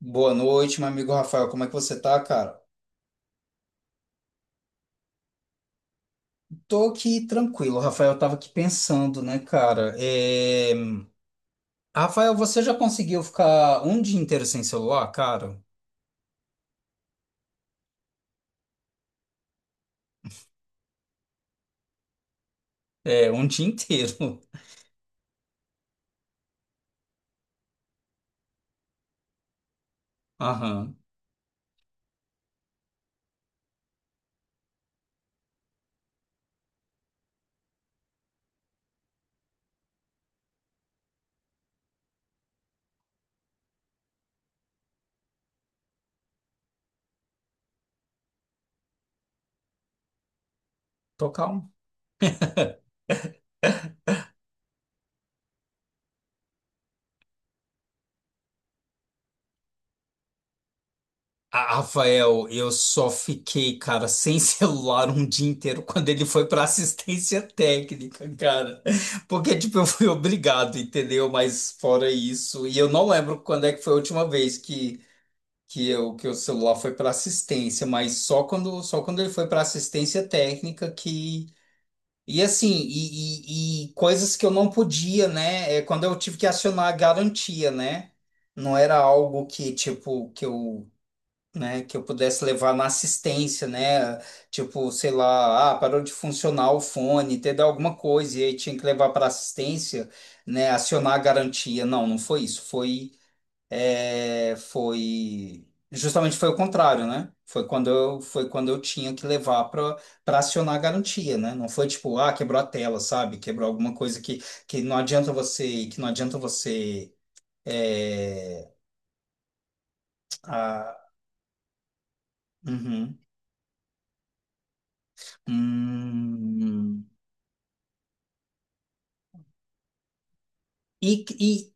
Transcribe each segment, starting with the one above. Boa noite, meu amigo Rafael. Como é que você tá, cara? Tô aqui tranquilo, Rafael. Eu tava aqui pensando, né, cara? É, Rafael, você já conseguiu ficar um dia inteiro sem celular, cara? É, um dia inteiro. Aham. Tô calmo. Ah, Rafael, eu só fiquei, cara, sem celular um dia inteiro quando ele foi para assistência técnica, cara. Porque, tipo, eu fui obrigado, entendeu? Mas fora isso, e eu não lembro quando é que foi a última vez que. Que eu, que o celular foi para assistência, mas só quando ele foi para assistência técnica que. E assim, e coisas que eu não podia, né? É quando eu tive que acionar a garantia, né? Não era algo que, tipo, né, que eu pudesse levar na assistência, né? Tipo, sei lá, ah, parou de funcionar o fone, teve alguma coisa, e aí tinha que levar para assistência, né? Acionar a garantia. Não, não foi isso. Foi justamente foi o contrário, né? Foi quando eu tinha que levar para acionar a garantia, né? Não foi tipo, ah, quebrou a tela, sabe? Quebrou alguma coisa que, que não adianta você é, ah, uhum. Hum. E, e,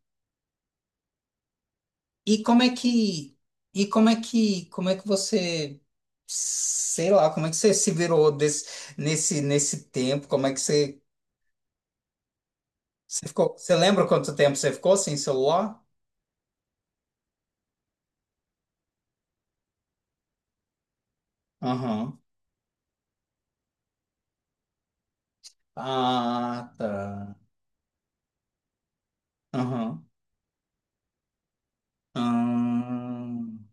e como é que e como é que você sei lá, como é que você se virou nesse tempo? Como é que você Você ficou, você lembra quanto tempo você ficou sem celular? Aham. Ah, tá. Aham. Hum,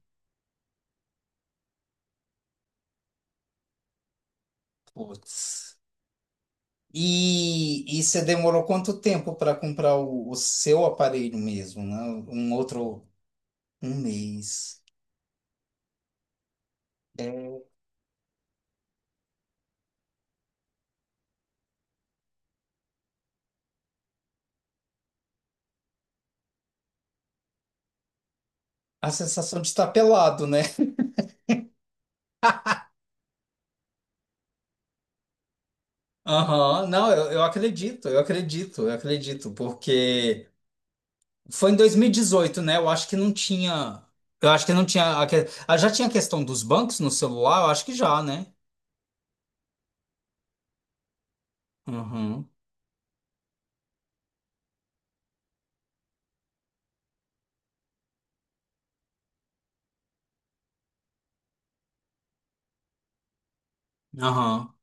putz. E você demorou quanto tempo para comprar o seu aparelho mesmo, né? Um outro, um mês. É, a sensação de estar pelado, né? Aham, não, eu acredito, eu acredito, eu acredito, porque foi em 2018, né? Eu acho que não tinha. Eu acho que não tinha. Ah, já tinha a questão dos bancos no celular? Eu acho que já, né? Uhum. Aham.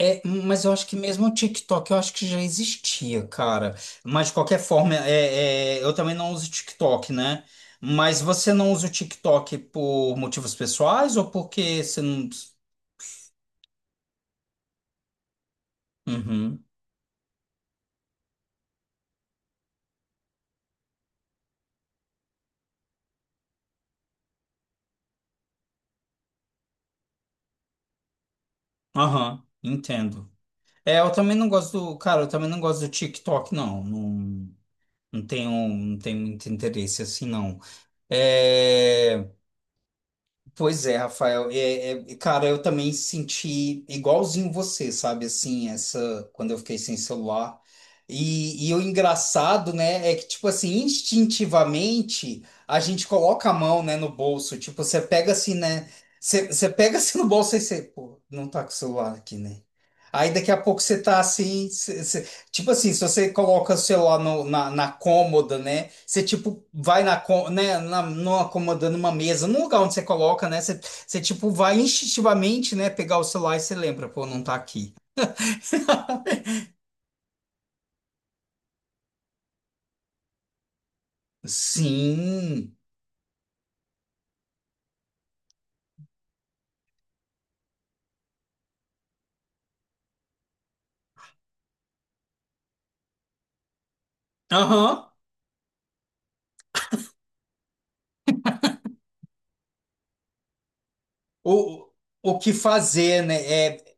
É, mas eu acho que mesmo o TikTok, eu acho que já existia, cara. Mas de qualquer forma, é, é, eu também não uso TikTok, né? Mas você não usa o TikTok por motivos pessoais ou porque você não. Uhum. Aham, entendo. É, eu também não gosto do. Cara, eu também não gosto do TikTok, não. Não. Não tenho muito interesse assim, não. É, pois é, Rafael. É, é, cara, eu também senti igualzinho você, sabe? Assim, essa quando eu fiquei sem celular. E o engraçado, né, é que, tipo assim, instintivamente a gente coloca a mão, né, no bolso. Tipo, você pega assim, né? Você pega assim no bolso e você, pô, não tá com o celular aqui, né? Aí daqui a pouco você tá assim, você tipo assim, se você coloca o celular na cômoda, né? Você, tipo, vai né? Na, numa cômoda, numa mesa, num lugar onde você coloca, né? Você, tipo, vai instintivamente, né? Pegar o celular e você lembra, pô, não tá aqui. Sim. Aham. O, o que fazer, né? É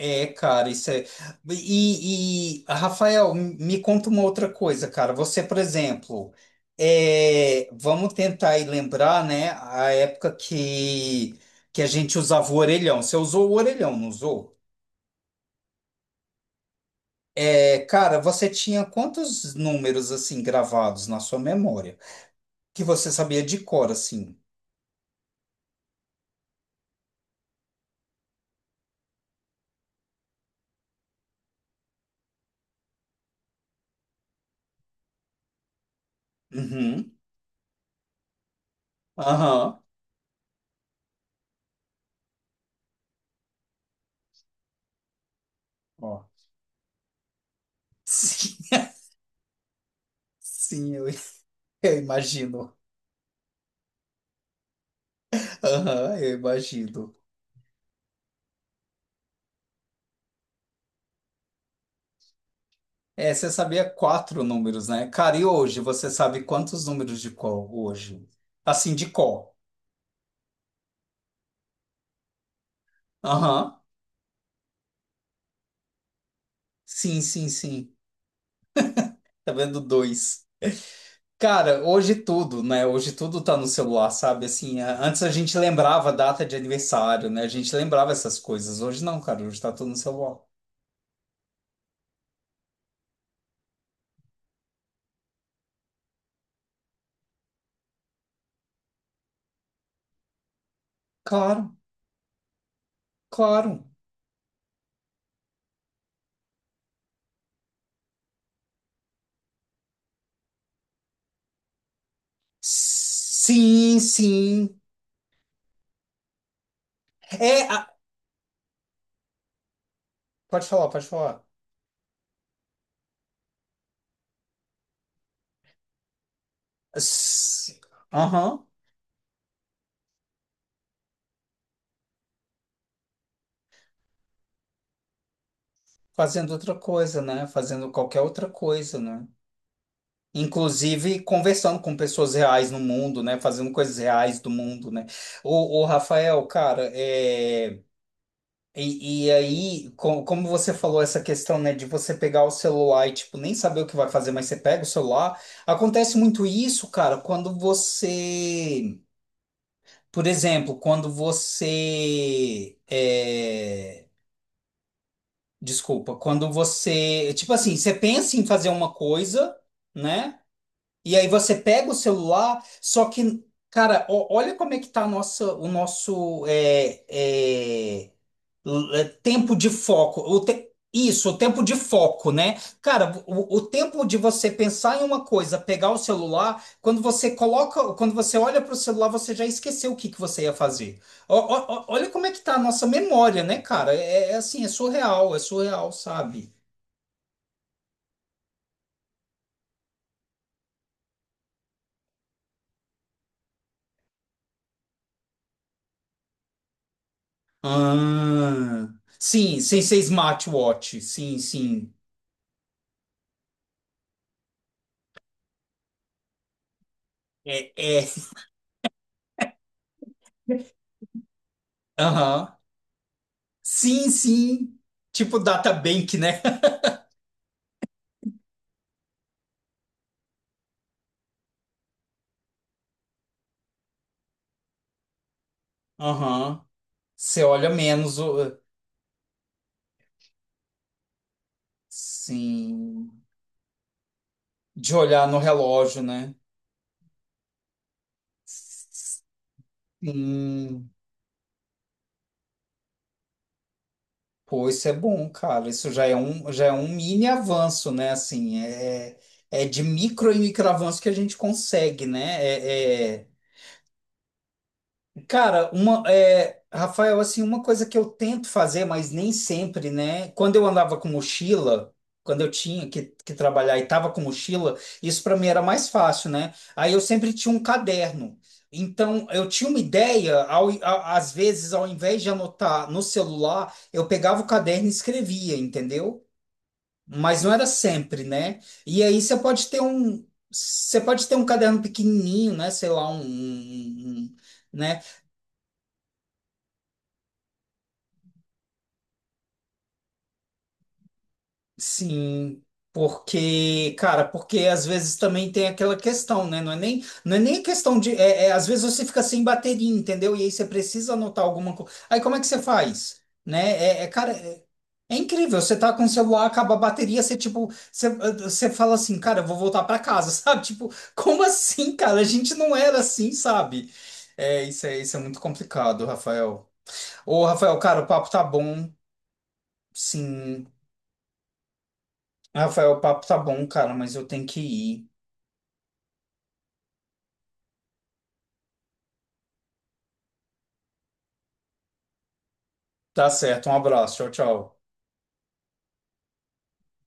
é, cara, isso é. E, Rafael, me conta uma outra coisa, cara. Você, por exemplo, é, vamos tentar aí lembrar, né, a época que a gente usava o orelhão. Você usou o orelhão, não usou? É, cara, você tinha quantos números assim gravados na sua memória que você sabia de cor, assim? Uhum. Aham. Ó. Sim, sim, eu imagino. Aham, eu imagino. É, você sabia quatro números, né? Cara, e hoje você sabe quantos números de cor hoje? Assim, de cor. Aham. Sim, sim, sim. Tá vendo dois. Cara, hoje tudo, né? Hoje tudo tá no celular, sabe? Assim, antes a gente lembrava a data de aniversário, né? A gente lembrava essas coisas. Hoje não, cara. Hoje tá tudo no celular. Claro, claro. Sim, sim. É, pode falar, pode falar. S- Aham. Fazendo outra coisa, né? Fazendo qualquer outra coisa, né? Inclusive conversando com pessoas reais no mundo, né? Fazendo coisas reais do mundo, né? O, Rafael, cara, é... e aí, como você falou essa questão, né, de você pegar o celular e, tipo, nem saber o que vai fazer, mas você pega o celular, acontece muito isso, cara, quando você, por exemplo, quando você é... Desculpa, quando você, tipo assim, você pensa em fazer uma coisa, né? E aí você pega o celular, só que, cara, olha como é que tá a nossa, o nosso é, tempo de foco. Isso, o tempo de foco, né? Cara, o tempo de você pensar em uma coisa, pegar o celular, quando você coloca, quando você olha para o celular, você já esqueceu o que que você ia fazer. Olha como é que tá a nossa memória, né, cara? É, é assim, é surreal, sabe? Ah, sim, sem ser smartwatch, sim, sim. É, é, aham. Sim, sim. Tipo data bank, né? Aham. Você olha menos. Sim. De olhar no relógio, né? Sim. Pô, isso é bom, cara. Isso já é um mini avanço, né? Assim, é, é de micro e micro avanço que a gente consegue, né? É, é- cara, uma, é, Rafael, assim, uma coisa que eu tento fazer, mas nem sempre, né? Quando eu andava com mochila, quando eu tinha que trabalhar e tava com mochila, isso para mim era mais fácil, né? Aí eu sempre tinha um caderno. Então, eu tinha uma ideia, às vezes, ao invés de anotar no celular, eu pegava o caderno e escrevia, entendeu? Mas não era sempre, né? E aí você pode ter um caderno pequenininho, né? Sei lá, né? Sim, porque, cara, porque às vezes também tem aquela questão, né? Não é nem questão de. É, é, às vezes você fica sem bateria, entendeu? E aí você precisa anotar alguma coisa. Aí como é que você faz? Né? É, é, cara, é, é incrível. Você tá com o celular, acaba a bateria, você tipo, você, você fala assim, cara, eu vou voltar pra casa, sabe? Tipo, como assim, cara? A gente não era assim, sabe? É, isso é muito complicado, Rafael. Ô, Rafael, cara, o papo tá bom. Sim, Rafael, o papo tá bom, cara, mas eu tenho que ir. Tá certo, um abraço, tchau, tchau.